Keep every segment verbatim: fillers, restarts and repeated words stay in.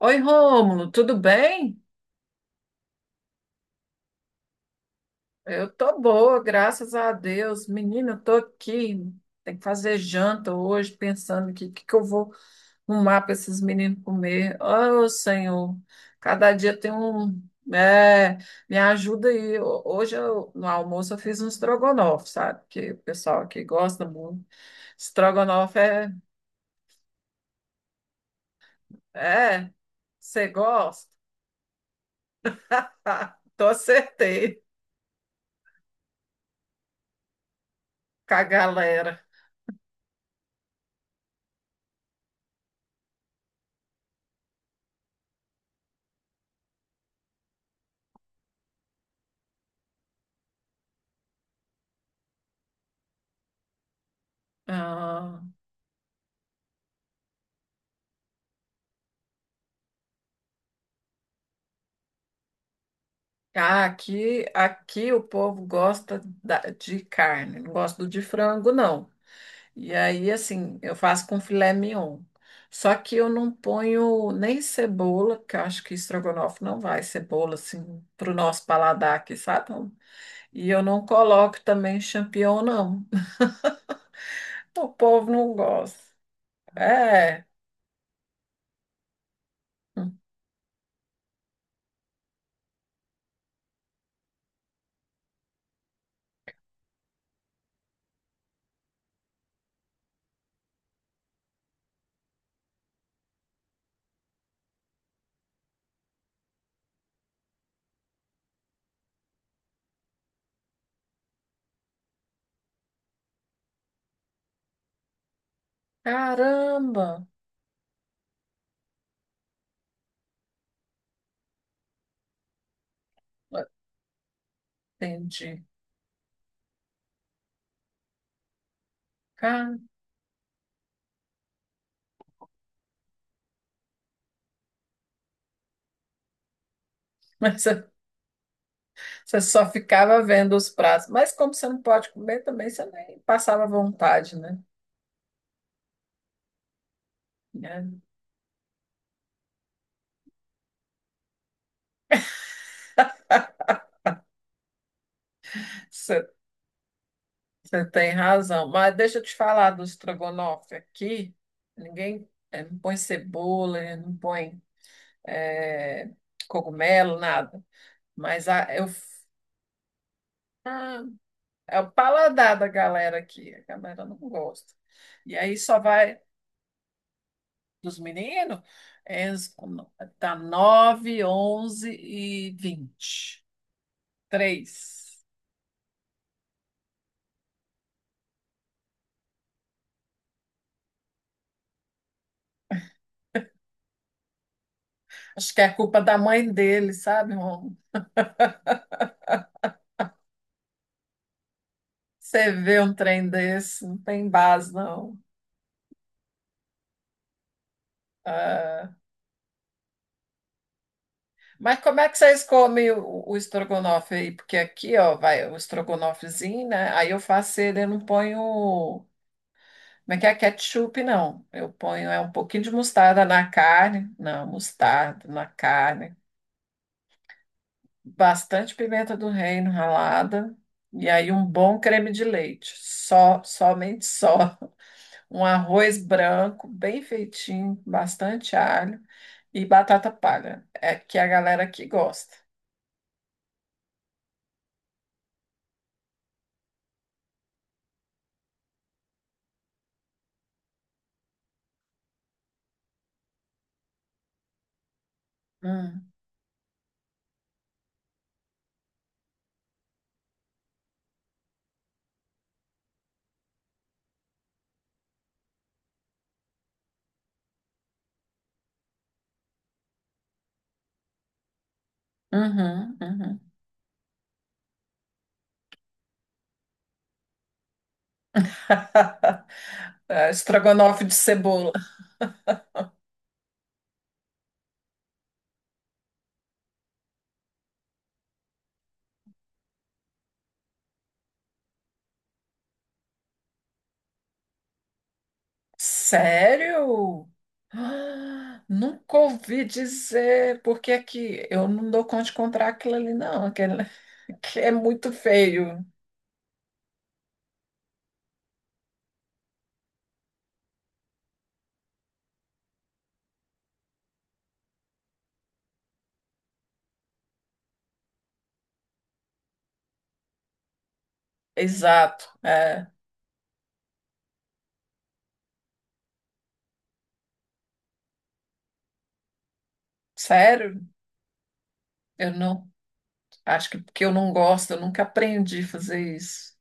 Oi, Rômulo, tudo bem? Eu tô boa, graças a Deus. Menina, eu tô aqui, tem que fazer janta hoje, pensando que que que eu vou arrumar para esses meninos comer. Oh, Senhor, cada dia tem um, é, me ajuda aí. Ho- Hoje eu- no almoço eu fiz um estrogonofe, sabe? Que o pessoal aqui gosta muito. Estrogonofe é, é, você gosta? tô acertei com a galera. Ah. Ah, aqui, aqui o povo gosta da- de carne, não gosta do de frango, não. E aí, assim, eu faço com filé mignon. Só que eu não ponho nem cebola, que eu acho que estrogonofe não vai cebola, assim, pro nosso paladar aqui, sabe? Então, e eu não coloco também champignon, não. O povo não gosta. É. Caramba! Entendi. Cara, mas você só ficava vendo os pratos. Mas como você não pode comer também, você nem passava vontade, né? É, Você, você tem razão. Mas deixa eu te falar do estrogonofe aqui. Ninguém eh, não põe cebola, eh, não põe eh, cogumelo, nada. Mas a, eu, ah, é o paladar da galera aqui. A galera não gosta. E aí só vai dos meninos, é, tá nove, onze e vinte e três. Acho que é culpa da mãe dele, sabe, Rômulo? Você vê um trem desse, não tem base, não. Ah, mas como é que vocês comem o, o estrogonofe aí? Porque aqui, ó, vai o estrogonofezinho, né? Aí eu faço ele, eu não ponho, como é que é, ketchup, não. Eu ponho é um pouquinho de mostarda na carne, não, mostarda na carne, bastante pimenta do reino ralada, e aí um bom creme de leite, só, somente só. Um arroz branco, bem feitinho, bastante alho e batata palha, é que a galera que gosta. Hum, uhum, uhum. É, estrogonofe de cebola. Sério? Ah, nunca ouvi dizer, porque é que eu não dou conta de comprar aquilo ali, não, aquele que é muito feio. Exato. É. Sério? Eu não, acho que porque eu não gosto, eu nunca aprendi a fazer isso.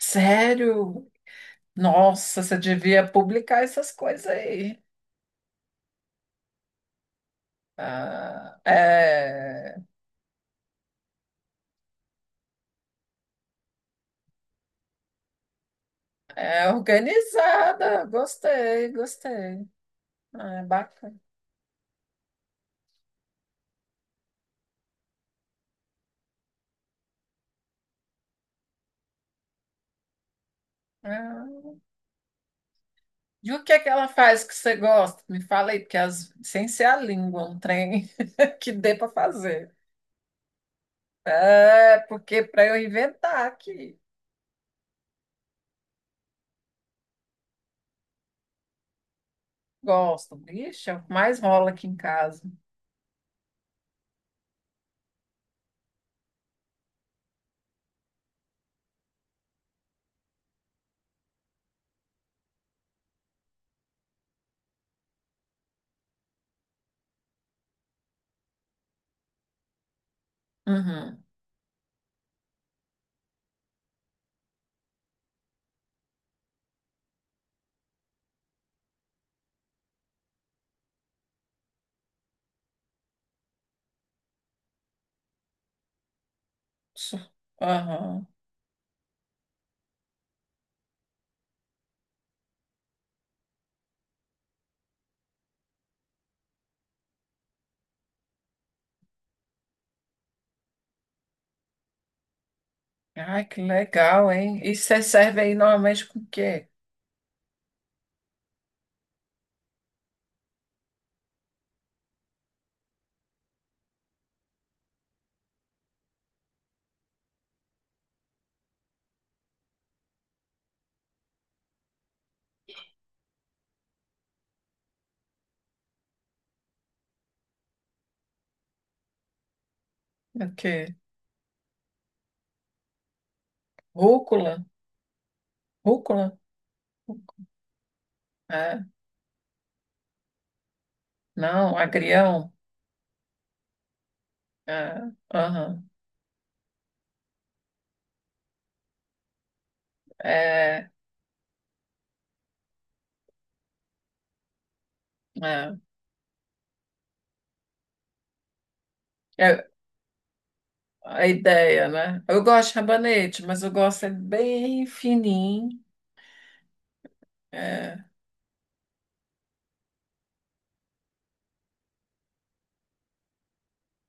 Sério? Nossa, você devia publicar essas coisas aí. Ah, é, é organizada. Gostei, gostei. Ah, é bacana. Ah, e o que é que ela faz que você gosta? Me fala aí, porque as, sem ser a língua, um trem que dê para fazer. É, porque para eu inventar aqui. Gosto. Ixi, é o que mais rola aqui em casa. Uhum. Su- Aham. Ai, que legal, hein? E você serve aí normalmente com o quê? O quê? Rúcula? Rúcula? É. Não, agrião? É. Aham. É, é. É a ideia, né? Eu gosto de rabanete, mas eu gosto é bem fininho. É.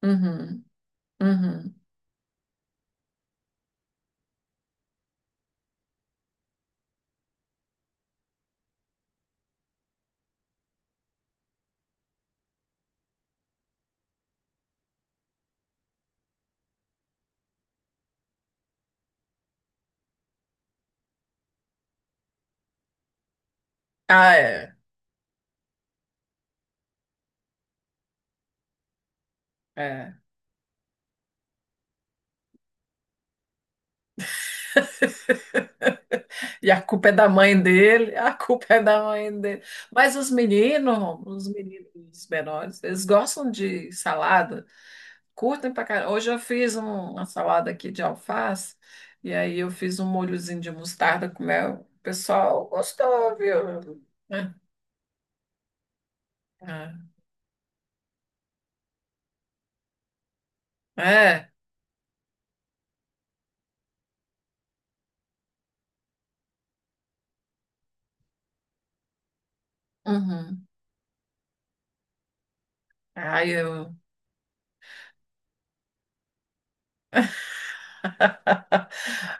Uhum. Uhum. Ah, é. É. E a culpa é da mãe dele, a culpa é da mãe dele. Mas os meninos, os meninos menores, eles gostam de salada. Curtem pra caramba. Hoje eu fiz um- uma salada aqui de alface e aí eu fiz um molhozinho de mostarda com mel. O pessoal gostou, viu? É. É, é. Uhum. Ai, eu,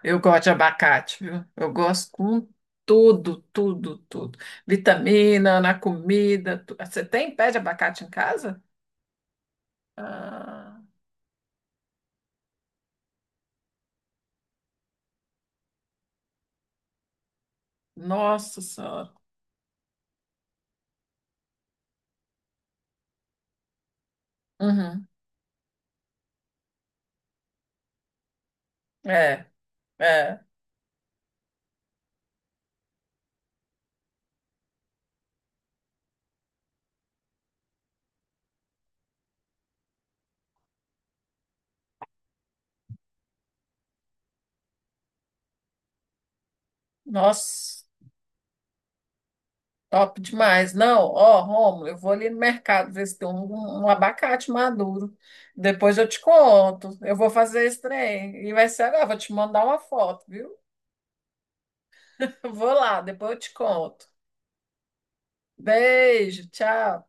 eu gosto de abacate, viu? Eu gosto com tudo, tudo, tudo. Vitamina na comida. tu- Você tem pé de abacate em casa? Ah, nossa Senhora. Uhum. É, é. Nossa. Top demais. Não, ó, Rômulo, eu vou ali no mercado ver se tem um, um abacate maduro. Depois eu te conto. Eu vou fazer esse trem. E vai ser agora. Vou te mandar uma foto, viu? Vou lá, depois eu te conto. Beijo, tchau.